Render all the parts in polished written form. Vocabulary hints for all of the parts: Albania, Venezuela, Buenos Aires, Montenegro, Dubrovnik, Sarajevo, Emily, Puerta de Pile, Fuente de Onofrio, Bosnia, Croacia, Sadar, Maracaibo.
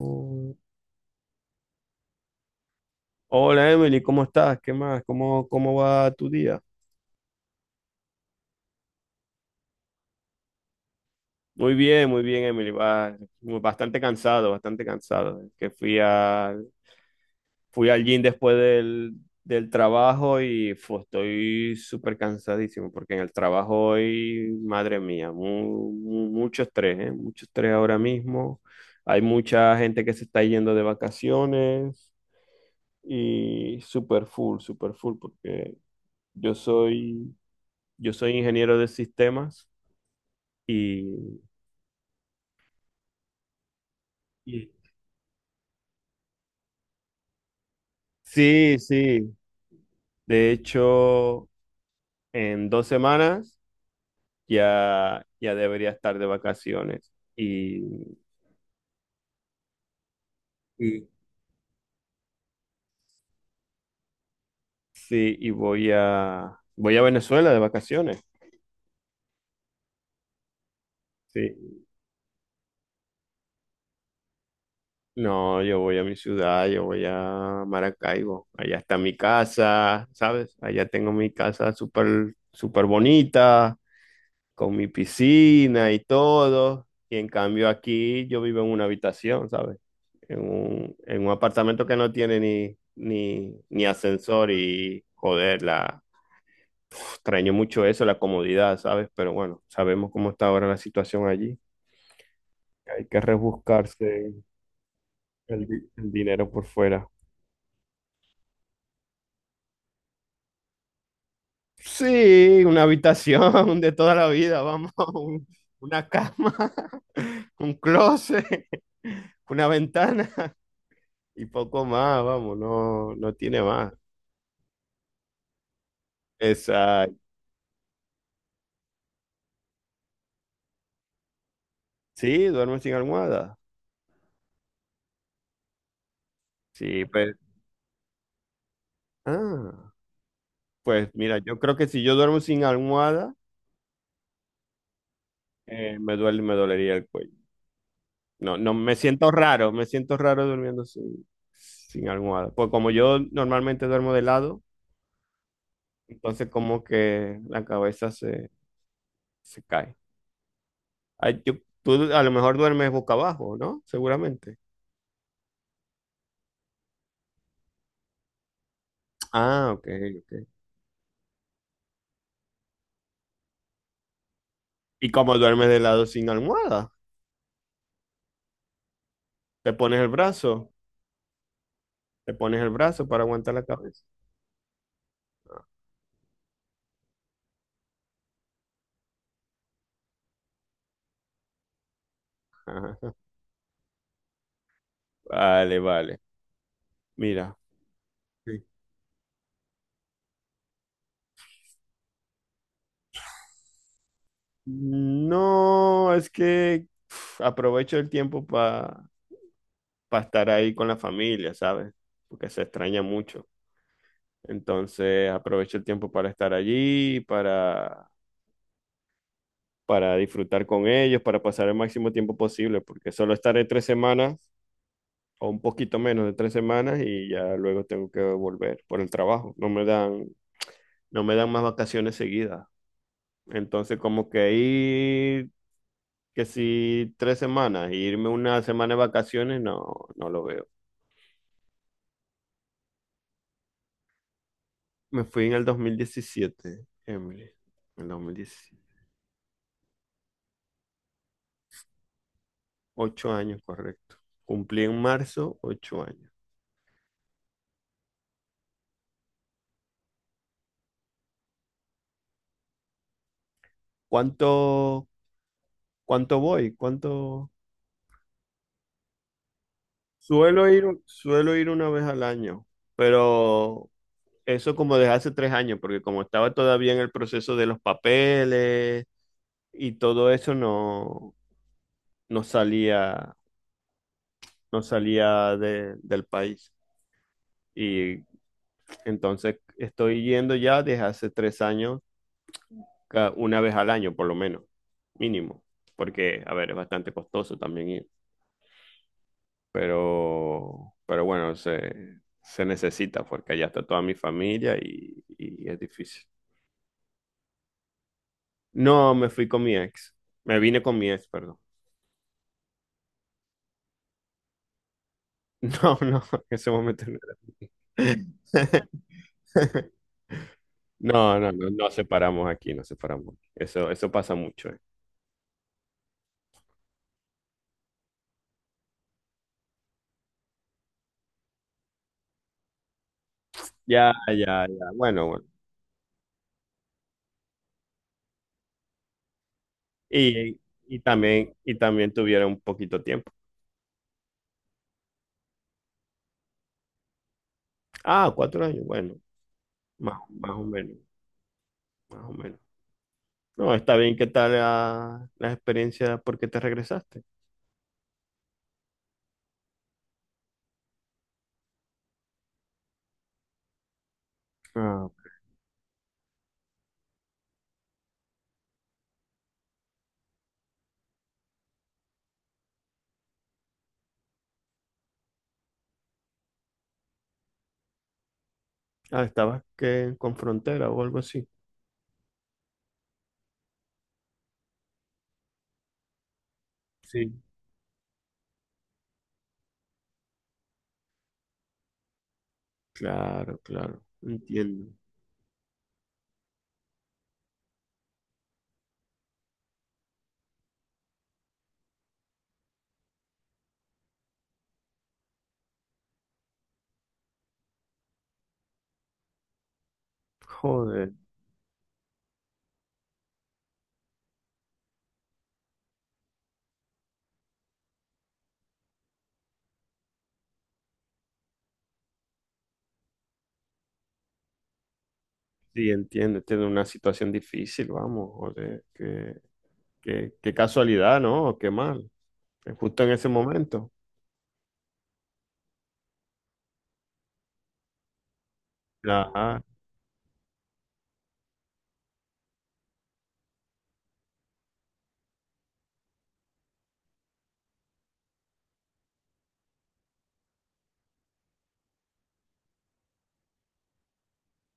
Mm. Hola Emily, ¿cómo estás? ¿Qué más? ¿Cómo va tu día? Muy bien, Emily. Va, bastante cansado, bastante cansado. Que fui al gym después del trabajo y estoy súper cansadísimo porque en el trabajo hoy, madre mía, mucho estrés, ¿eh? Mucho estrés ahora mismo. Hay mucha gente que se está yendo de vacaciones y súper full porque yo soy Yo soy ingeniero de sistemas. y, y- sí, sí. De hecho, en 2 semanas ya debería estar de vacaciones. Y- sí, y voy a Venezuela de vacaciones. Sí. No, yo voy a mi ciudad, yo voy a Maracaibo. Allá está mi casa, ¿sabes? Allá tengo mi casa súper, súper bonita con mi piscina y todo. Y en cambio aquí yo vivo en una habitación, ¿sabes? En un apartamento que no tiene ni ascensor y joder, extraño mucho eso, la comodidad, ¿sabes? Pero bueno, sabemos cómo está ahora la situación allí. Hay que rebuscarse el dinero por fuera. Sí, una habitación de toda la vida, vamos, una cama, un closet, una ventana. Y poco más, vamos, no, no tiene más. Exacto. Sí, duerme sin almohada. Sí, pues. Ah, pues mira, yo creo que si yo duermo sin almohada, me duele, me dolería el cuello. No, no, me siento raro durmiendo sin almohada. Pues como yo normalmente duermo de lado, entonces como que la cabeza se cae. Ay, tú a lo mejor duermes boca abajo, ¿no? Seguramente. Ah, ok, ok. ¿Y como duermes de lado sin almohada? Te pones el brazo. Le pones el brazo para aguantar la cabeza. Ajá. Vale, vale. Mira. Sí. No, es que uf, aprovecho el tiempo para estar ahí con la familia, ¿sabes? Porque se extraña mucho. Entonces aprovecho el tiempo para estar allí, para disfrutar con ellos, para pasar el máximo tiempo posible, porque solo estaré 3 semanas o un poquito menos de 3 semanas y ya luego tengo que volver por el trabajo. No me dan más vacaciones seguidas. Entonces, como que ir, que si 3 semanas, e irme una semana de vacaciones, no, no lo veo. Me fui en el 2017, Emily, en el 2017. 8 años, correcto. Cumplí en marzo, 8 años. ¿Cuánto, cuánto voy? ¿Cuánto? Suelo ir una vez al año, pero eso como desde hace 3 años, porque como estaba todavía en el proceso de los papeles y todo eso, no, no salía no salía del país. Y entonces estoy yendo ya desde hace 3 años, una vez al año por lo menos, mínimo, porque, a ver, es bastante costoso también ir, pero bueno, se necesita porque allá está toda mi familia y es difícil. No, me fui con mi ex, me vine con mi ex, perdón. No, no, en ese momento no era. No, no, no, nos separamos aquí, nos separamos. Eso pasa mucho, ¿eh? Ya, ya, ya. Bueno, bueno. Y, y también, y también tuvieron un poquito tiempo. Ah, 4 años. Bueno, más o menos, más o menos. No, está bien. ¿Qué tal la experiencia? ¿Por qué te regresaste? Ah, ah, estabas que con frontera o algo así. Sí, claro, claro. Entiendo. Joder. Sí, entiendo. Tiene una situación difícil, vamos. Joder. Qué casualidad, ¿no? Qué mal. Justo en ese momento. Ajá.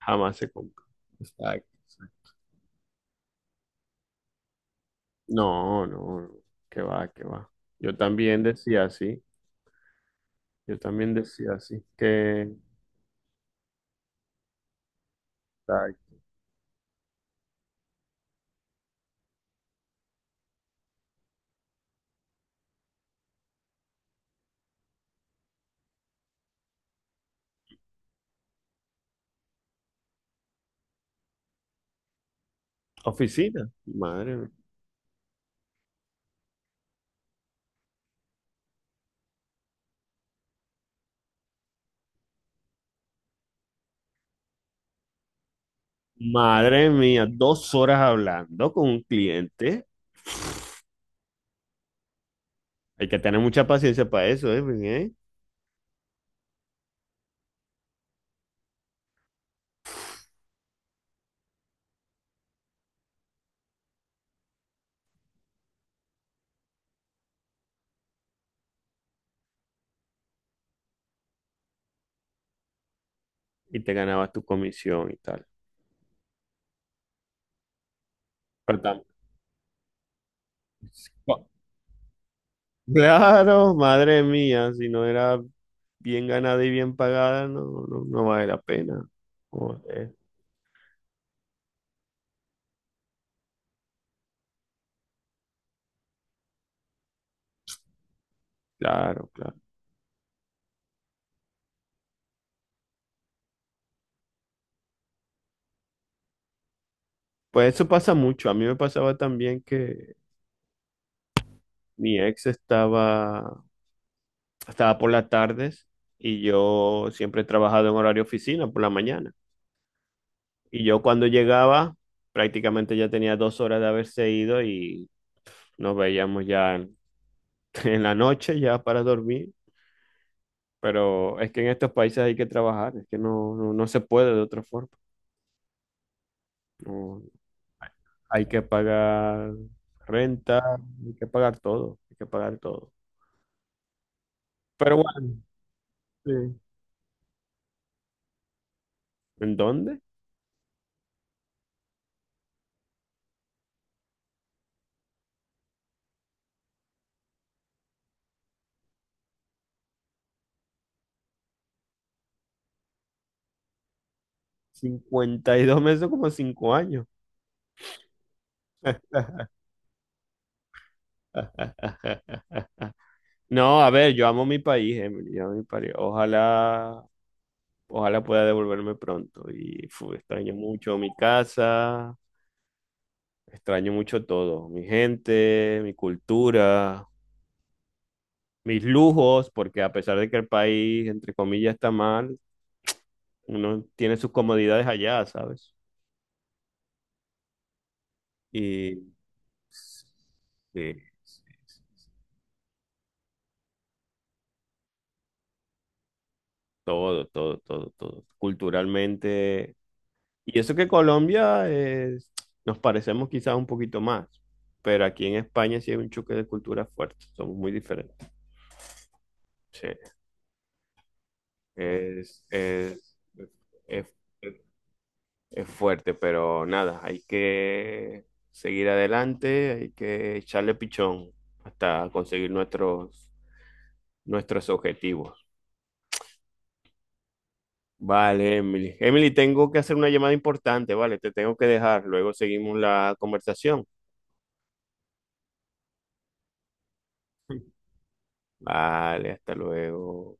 Jamás se compra. Exacto, exacto. No, no, no. Qué va, qué va. Yo también decía así. Yo también decía así. Que. Exacto. Oficina. Madre mía. Madre mía, 2 horas hablando con un cliente. Hay que tener mucha paciencia para eso, ¿eh? Pues, ¿eh? Y te ganabas tu comisión y tal. Pero tam- Claro, madre mía, si no era bien ganada y bien pagada, no, no, no vale la pena. Joder, claro, claro. Pues eso pasa mucho. A mí me pasaba también que mi ex estaba por las tardes y yo siempre he trabajado en horario oficina por la mañana. Y yo cuando llegaba, prácticamente ya tenía 2 horas de haberse ido y nos veíamos ya en, en la noche, ya para dormir. Pero es que en estos países hay que trabajar, es que no, no, no se puede de otra forma. No, hay que pagar renta, hay que pagar todo, hay que pagar todo. Pero bueno, sí. ¿En dónde? 52 meses, como 5 años. No, a ver, yo amo mi país, Emily, yo amo mi país. Ojalá pueda devolverme pronto. Y extraño mucho mi casa, extraño mucho todo, mi gente, mi cultura, mis lujos, porque a pesar de que el país, entre comillas, está mal, uno tiene sus comodidades allá, ¿sabes? Y sí, sí, sí, sí, sí. Todo, todo, todo, todo. Culturalmente. Y eso que Colombia nos parecemos quizás un poquito más, pero aquí en España sí hay un choque de culturas fuerte, somos muy diferentes. Sí, es, es, es, es fuerte, pero nada, hay que seguir adelante, hay que echarle pichón hasta conseguir nuestros objetivos. Vale, Emily. Emily, tengo que hacer una llamada importante, vale, te tengo que dejar, luego seguimos la conversación. Vale, hasta luego.